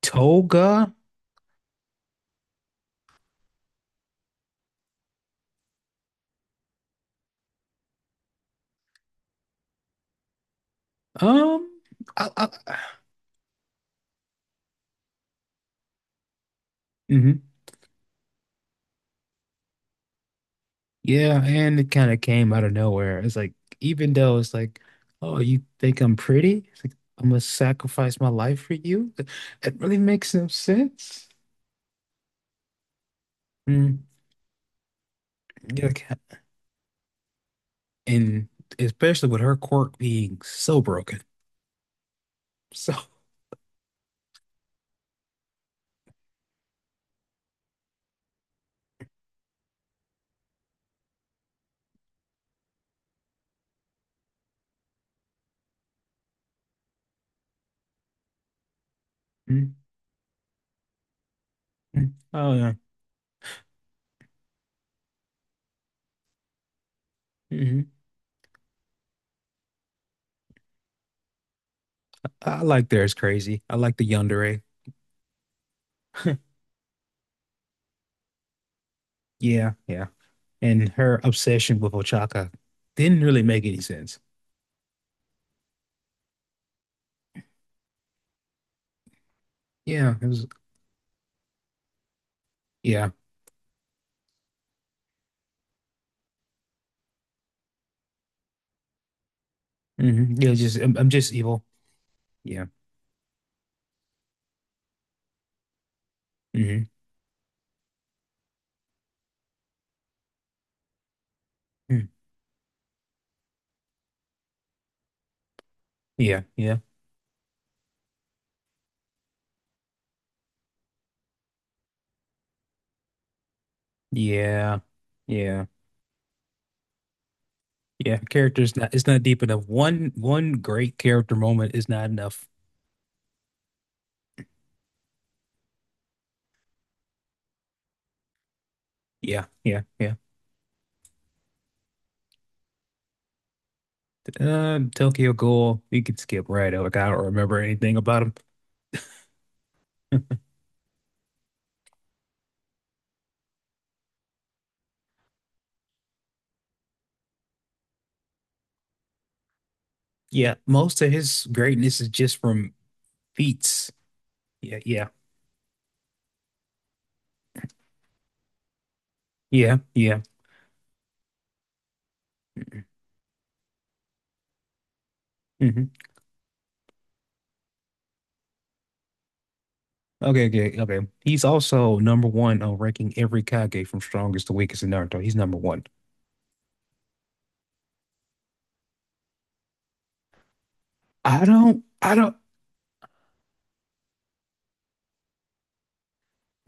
Toga? Um, I, I, hmm, yeah, and it kind of came out of nowhere. It's like, even though it's like, oh, you think I'm pretty? It's like, I'm gonna sacrifice my life for you? It really makes no sense. Mm, yeah, like, and especially with her quirk being so broken. So, mm, mm, oh yeah. Hmm. I like theirs crazy. I like the yandere. Yeah, yeah. And her obsession with Ochaka didn't really make any sense. Yeah, it was. Yeah. Hmm. Yeah, just I'm just evil. Yeah. Mm-hmm. Hmm. Yeah, yeah. Yeah. Yeah. Yeah. Character's not, it's not deep enough. One great character moment is not enough. Yeah, yeah, yeah. Tokyo Ghoul, you could skip right over. I don't remember anything about him. Yeah, most of his greatness is just from feats. Yeah, yeah, yeah, yeah. Hmm. Okay, okay, okay. He's also number one on ranking every Kage from strongest to weakest in Naruto. He's number one. I don't, I don't.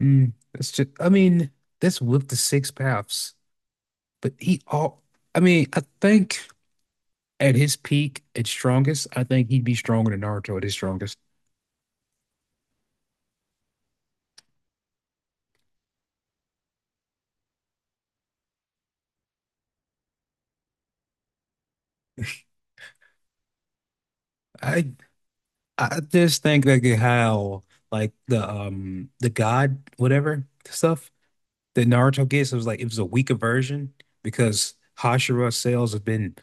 That's just, I mean, that's with the six paths. But he all, I mean, I think at his peak, at strongest, I think he'd be stronger than Naruto at his strongest. I I just think, like, how like the God whatever stuff that Naruto gets, it was a weaker version because Hashira cells have been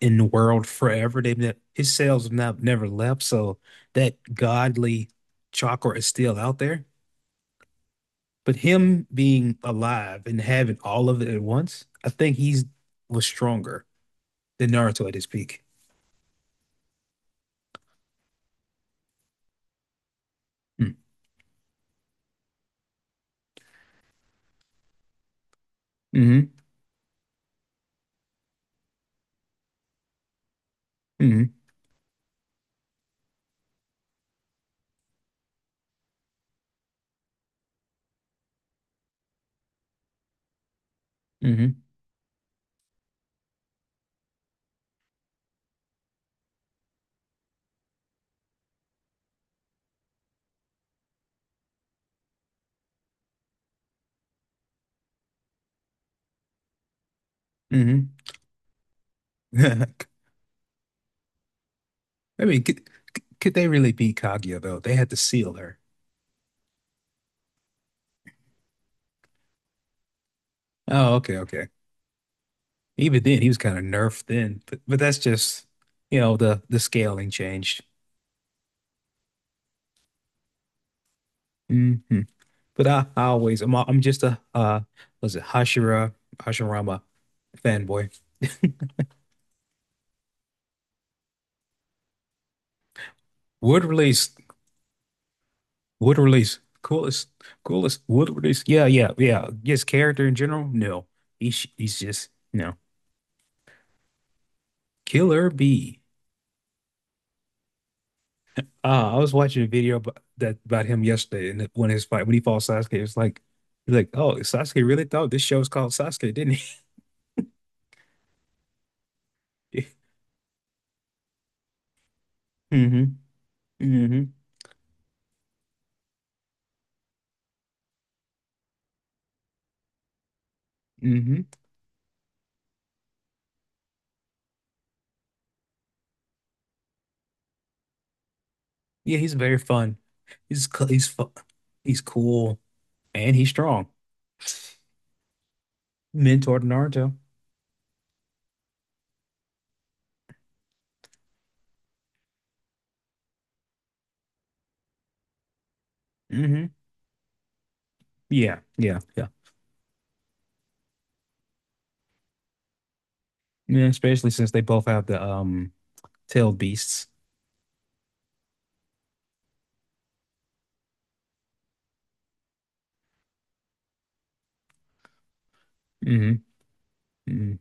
in the world forever. They've ne His cells have not never left, so that godly chakra is still out there. But him being alive and having all of it at once, I think he's was stronger than Naruto at his peak. Mm. Mm-hmm. Mm-hmm. Mm-hmm. Mm-hmm. I mean, could they really beat Kaguya though? They had to seal her. Oh, okay, okay. Even then, he was kind of nerfed then, but that's just, the scaling changed. Hmm. But I always I'm just a was it Hashirama fanboy. Would release Wood release. Coolest wood release. Yeah, yeah, yeah. Just character in general? No. He's just no. Killer B. I was watching a video about him yesterday, and when his fight when he fought Sasuke, it's like he's like, oh, Sasuke really thought this show was called Sasuke, didn't he? Mm-hmm. Mm-hmm. Mm-hmm. Yeah, he's very fun. He's fun. He's cool and he's strong. Mentor to Naruto. Mm-hmm. Yeah, yeah, yeah. Yeah, especially since they both have the Tailed beasts. Hmm. Hmm.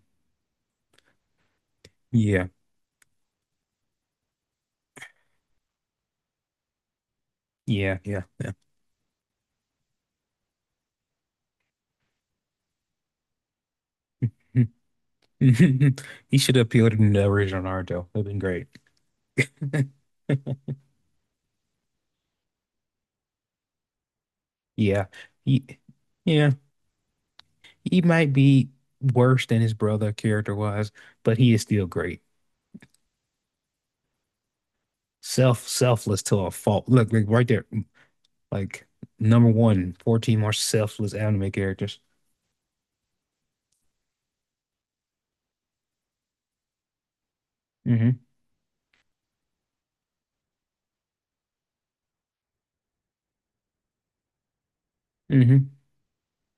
Yeah. Yeah. Yeah. He should have appealed to the original Naruto. That'd been great. Yeah. He, yeah. He might be worse than his brother character was, but he is still great. Selfless to a fault. Look, like right there. Like, number one, fourteen 14 more selfless anime characters. Hmm. Hmm.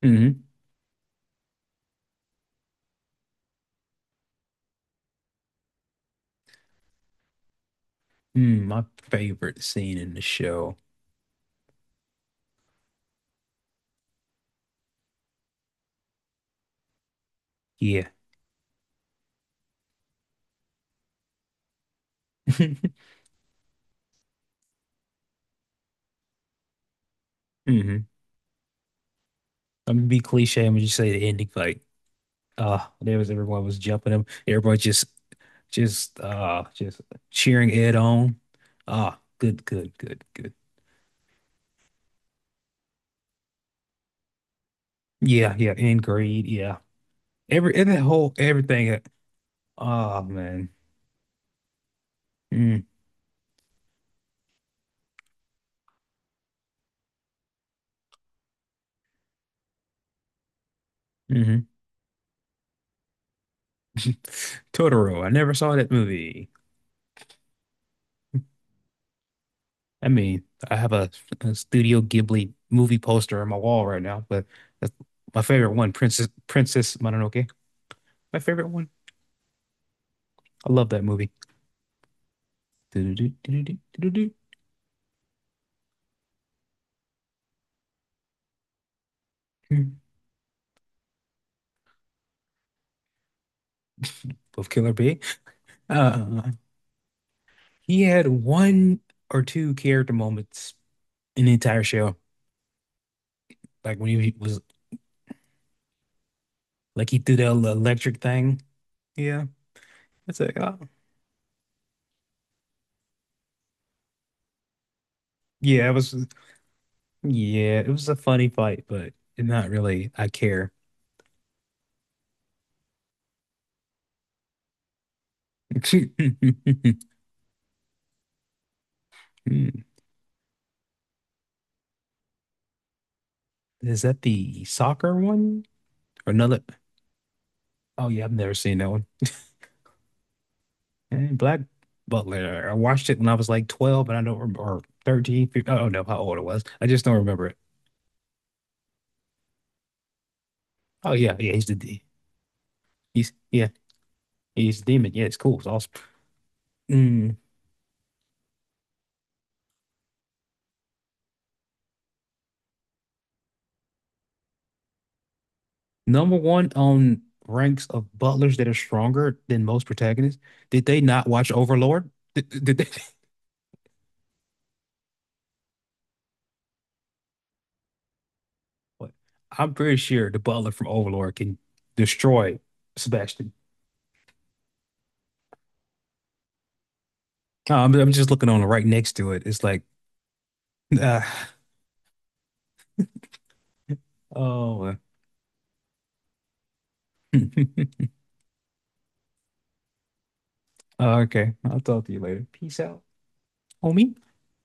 Hmm. My favorite scene in the show. Yeah. Hmm. I'm gonna be cliche. I'm gonna just say the ending fight. There was Everyone was jumping him. Everybody just cheering Ed on. Ah, good, good, good, good. Yeah, yeah, in grade, yeah. Every and that whole everything. Oh man. Mm. Hmm. Totoro. I never saw that movie. I mean, I have a Studio Ghibli movie poster on my wall right now, but that's my favorite one, Princess Mononoke. My favorite one. I love that movie. Do-do-do-do-do-do-do-do. Of Killer Bee. Uh, he had one or two character moments in the entire show. Like, when he was like he threw that electric thing. Yeah, it's like, oh, yeah, it was yeah, it was a funny fight, but not really. I care. Is that the soccer one or another? Oh yeah, I've never seen that one. And Black Butler. I watched it when I was like 12, and I don't remember, or 13. 15, I don't know how old it was. I just don't remember it. Oh yeah, yeah, he's the D. He's, yeah. He's demon. Yeah, it's cool. It's awesome. Mm, Number one on ranks of butlers that are stronger than most protagonists. Did they not watch Overlord? Did they? What? I'm pretty sure the butler from Overlord can destroy Sebastian. I'm just looking on it right next to it. It's like, ah, oh, well. Okay. I'll talk to you later. Peace out, homie.